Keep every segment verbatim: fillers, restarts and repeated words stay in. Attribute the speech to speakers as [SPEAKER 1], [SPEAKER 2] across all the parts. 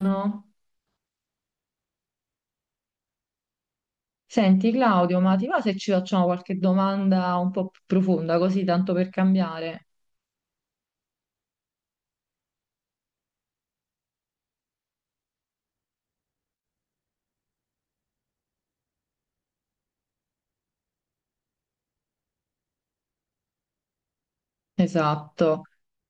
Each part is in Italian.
[SPEAKER 1] No. Senti Claudio, ma ti va se ci facciamo qualche domanda un po' più profonda, così tanto per cambiare? Esatto.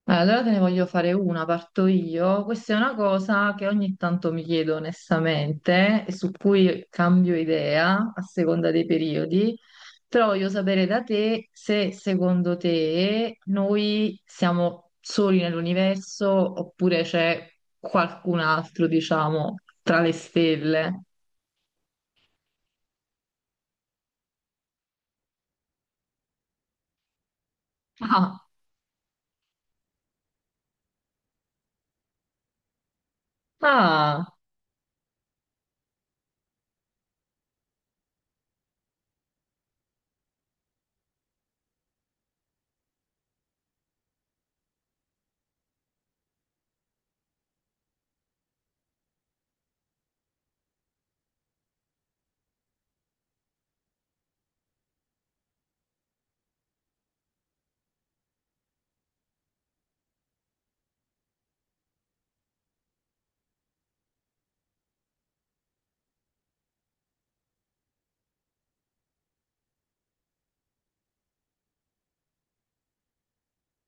[SPEAKER 1] Eh, Allora te ne voglio fare una, parto io. Questa è una cosa che ogni tanto mi chiedo onestamente e su cui cambio idea a seconda dei periodi, però voglio sapere da te se secondo te noi siamo soli nell'universo oppure c'è qualcun altro, diciamo, tra le stelle. Ah. Ah,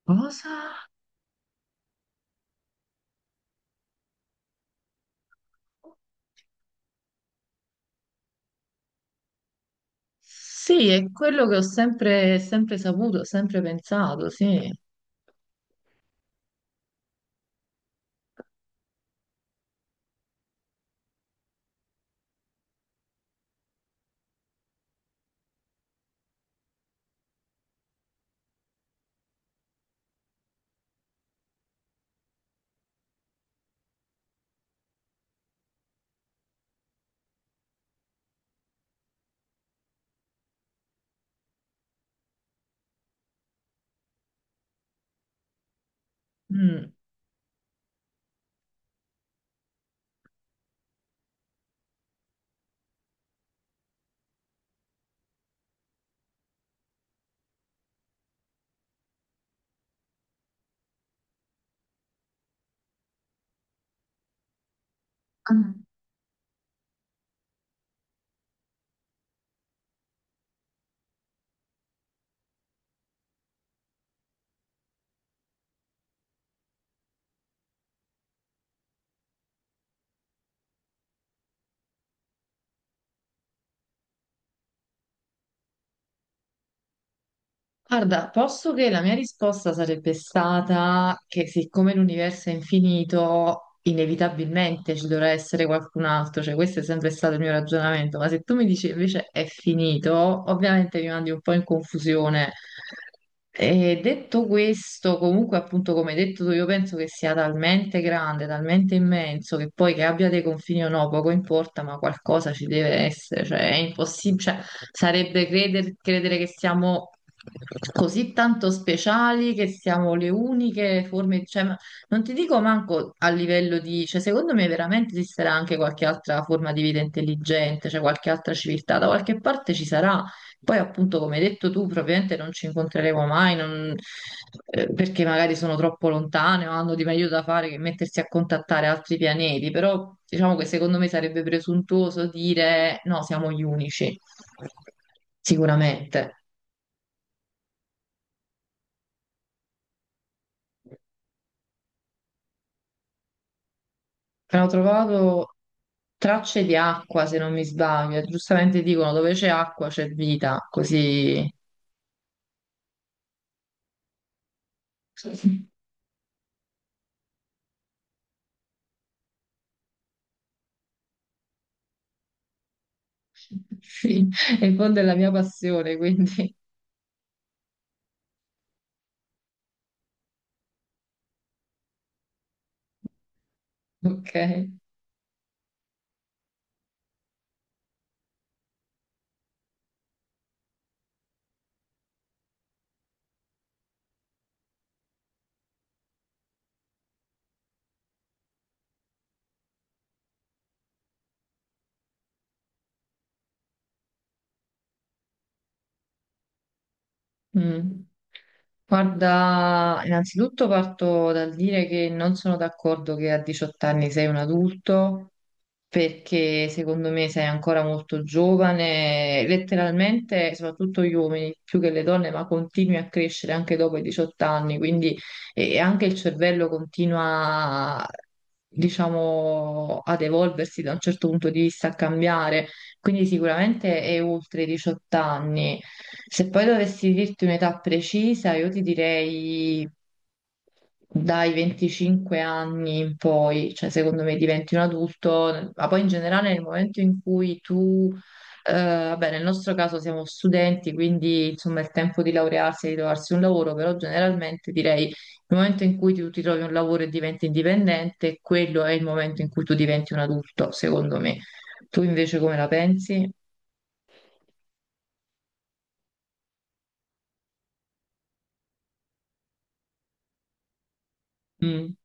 [SPEAKER 1] cosa? Sì, è quello che ho sempre, sempre saputo, sempre pensato, sì. Mm. Mm. Guarda, posso che la mia risposta sarebbe stata che siccome l'universo è infinito, inevitabilmente ci dovrà essere qualcun altro, cioè questo è sempre stato il mio ragionamento, ma se tu mi dici invece è finito, ovviamente mi mandi un po' in confusione. E detto questo, comunque, appunto, come hai detto tu, io penso che sia talmente grande, talmente immenso che poi che abbia dei confini o no, poco importa, ma qualcosa ci deve essere, cioè è impossibile, cioè, sarebbe creder- credere che siamo così tanto speciali, che siamo le uniche forme, cioè, ma- non ti dico manco a livello di, cioè, secondo me veramente esisterà anche qualche altra forma di vita intelligente, cioè qualche altra civiltà, da qualche parte ci sarà poi appunto, come hai detto tu, probabilmente non ci incontreremo mai, non- eh, perché magari sono troppo lontane o hanno di meglio da fare che mettersi a contattare altri pianeti, però diciamo che secondo me sarebbe presuntuoso dire no, siamo gli unici, sicuramente. Però ho trovato tracce di acqua, se non mi sbaglio, e giustamente dicono dove c'è acqua c'è vita, così... Sì, è il fondo della mia passione, quindi ok. Mm. Guarda, innanzitutto parto dal dire che non sono d'accordo che a diciotto anni sei un adulto, perché secondo me sei ancora molto giovane, letteralmente, soprattutto gli uomini più che le donne, ma continui a crescere anche dopo i diciotto anni, quindi e anche il cervello continua, diciamo, ad evolversi da un certo punto di vista, a cambiare. Quindi sicuramente è oltre i diciotto anni. Se poi dovessi dirti un'età precisa, io ti direi dai venticinque anni in poi, cioè secondo me diventi un adulto, ma poi in generale nel momento in cui tu, eh, vabbè, nel nostro caso siamo studenti, quindi insomma è il tempo di laurearsi e di trovarsi un lavoro, però generalmente direi il momento in cui tu ti trovi un lavoro e diventi indipendente, quello è il momento in cui tu diventi un adulto, secondo me. Tu invece come la pensi? Mm,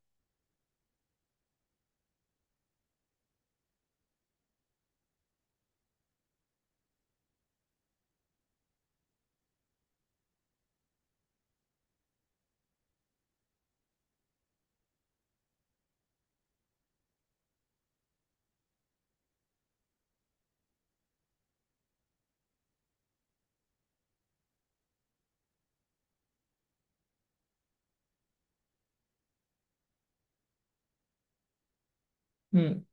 [SPEAKER 1] mm.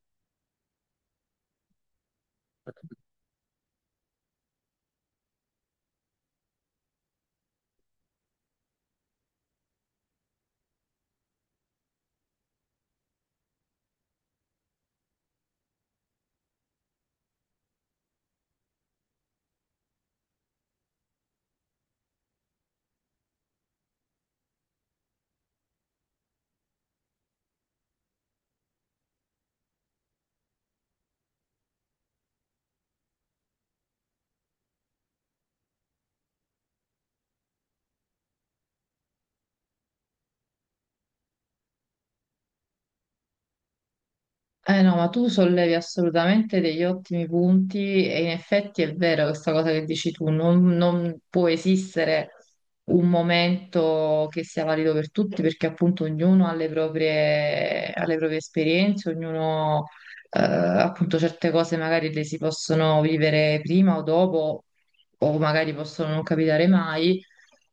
[SPEAKER 1] Eh no, ma tu sollevi assolutamente degli ottimi punti e in effetti è vero questa cosa che dici tu, non, non può esistere un momento che sia valido per tutti perché appunto ognuno ha le proprie, ha le proprie esperienze, ognuno eh, appunto certe cose magari le si possono vivere prima o dopo o magari possono non capitare mai.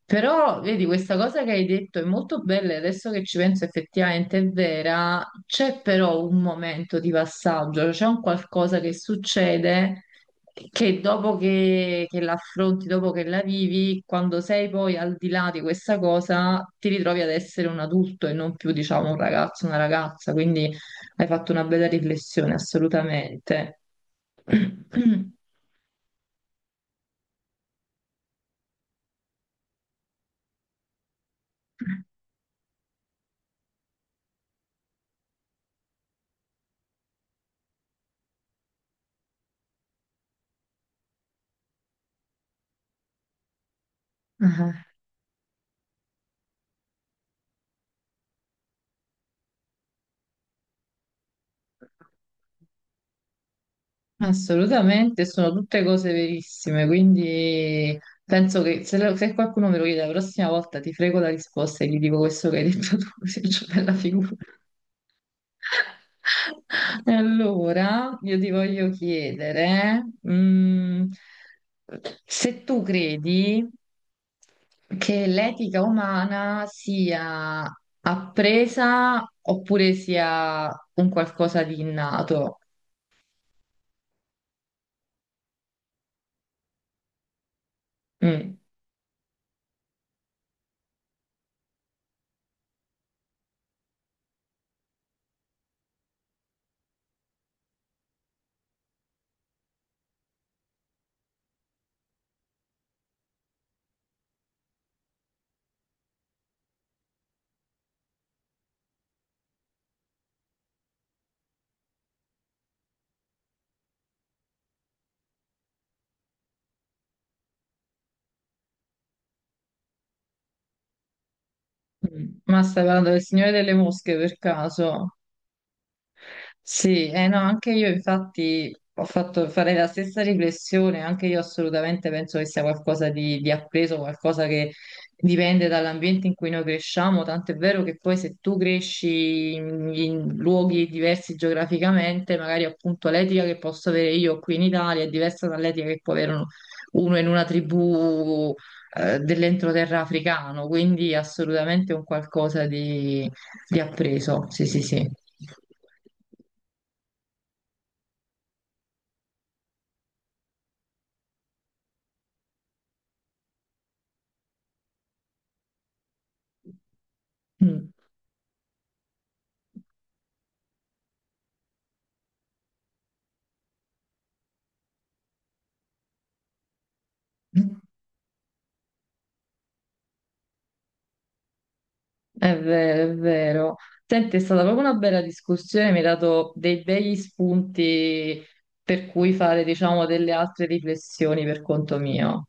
[SPEAKER 1] Però, vedi, questa cosa che hai detto è molto bella, e adesso che ci penso effettivamente è vera, c'è però un momento di passaggio, c'è un qualcosa che succede che dopo che, che l'affronti, dopo che la vivi, quando sei poi al di là di questa cosa, ti ritrovi ad essere un adulto e non più, diciamo, un ragazzo, una ragazza, quindi hai fatto una bella riflessione, assolutamente. Ah. Assolutamente, sono tutte cose verissime, quindi penso che se, lo- se qualcuno me lo chiede la prossima volta ti frego la risposta e gli dico questo che hai detto tu, così faccio bella figura. E allora io ti voglio chiedere, mm, se tu credi che l'etica umana sia appresa oppure sia un qualcosa di innato. Mm. Mm, ma stai parlando del Signore delle Mosche per caso? Sì, eh no, anche io infatti ho fatto fare la stessa riflessione, anche io assolutamente penso che sia qualcosa di, di appreso, qualcosa che dipende dall'ambiente in cui noi cresciamo, tanto è vero che poi se tu cresci in, in luoghi diversi geograficamente, magari appunto l'etica che posso avere io qui in Italia è diversa dall'etica che può avere uno, uno in una tribù eh, dell'entroterra africano, quindi assolutamente un qualcosa di di appreso, sì, sì, sì. Mm. È vero, è vero. Senti, è stata proprio una bella discussione, mi hai dato dei begli spunti per cui fare, diciamo, delle altre riflessioni per conto mio.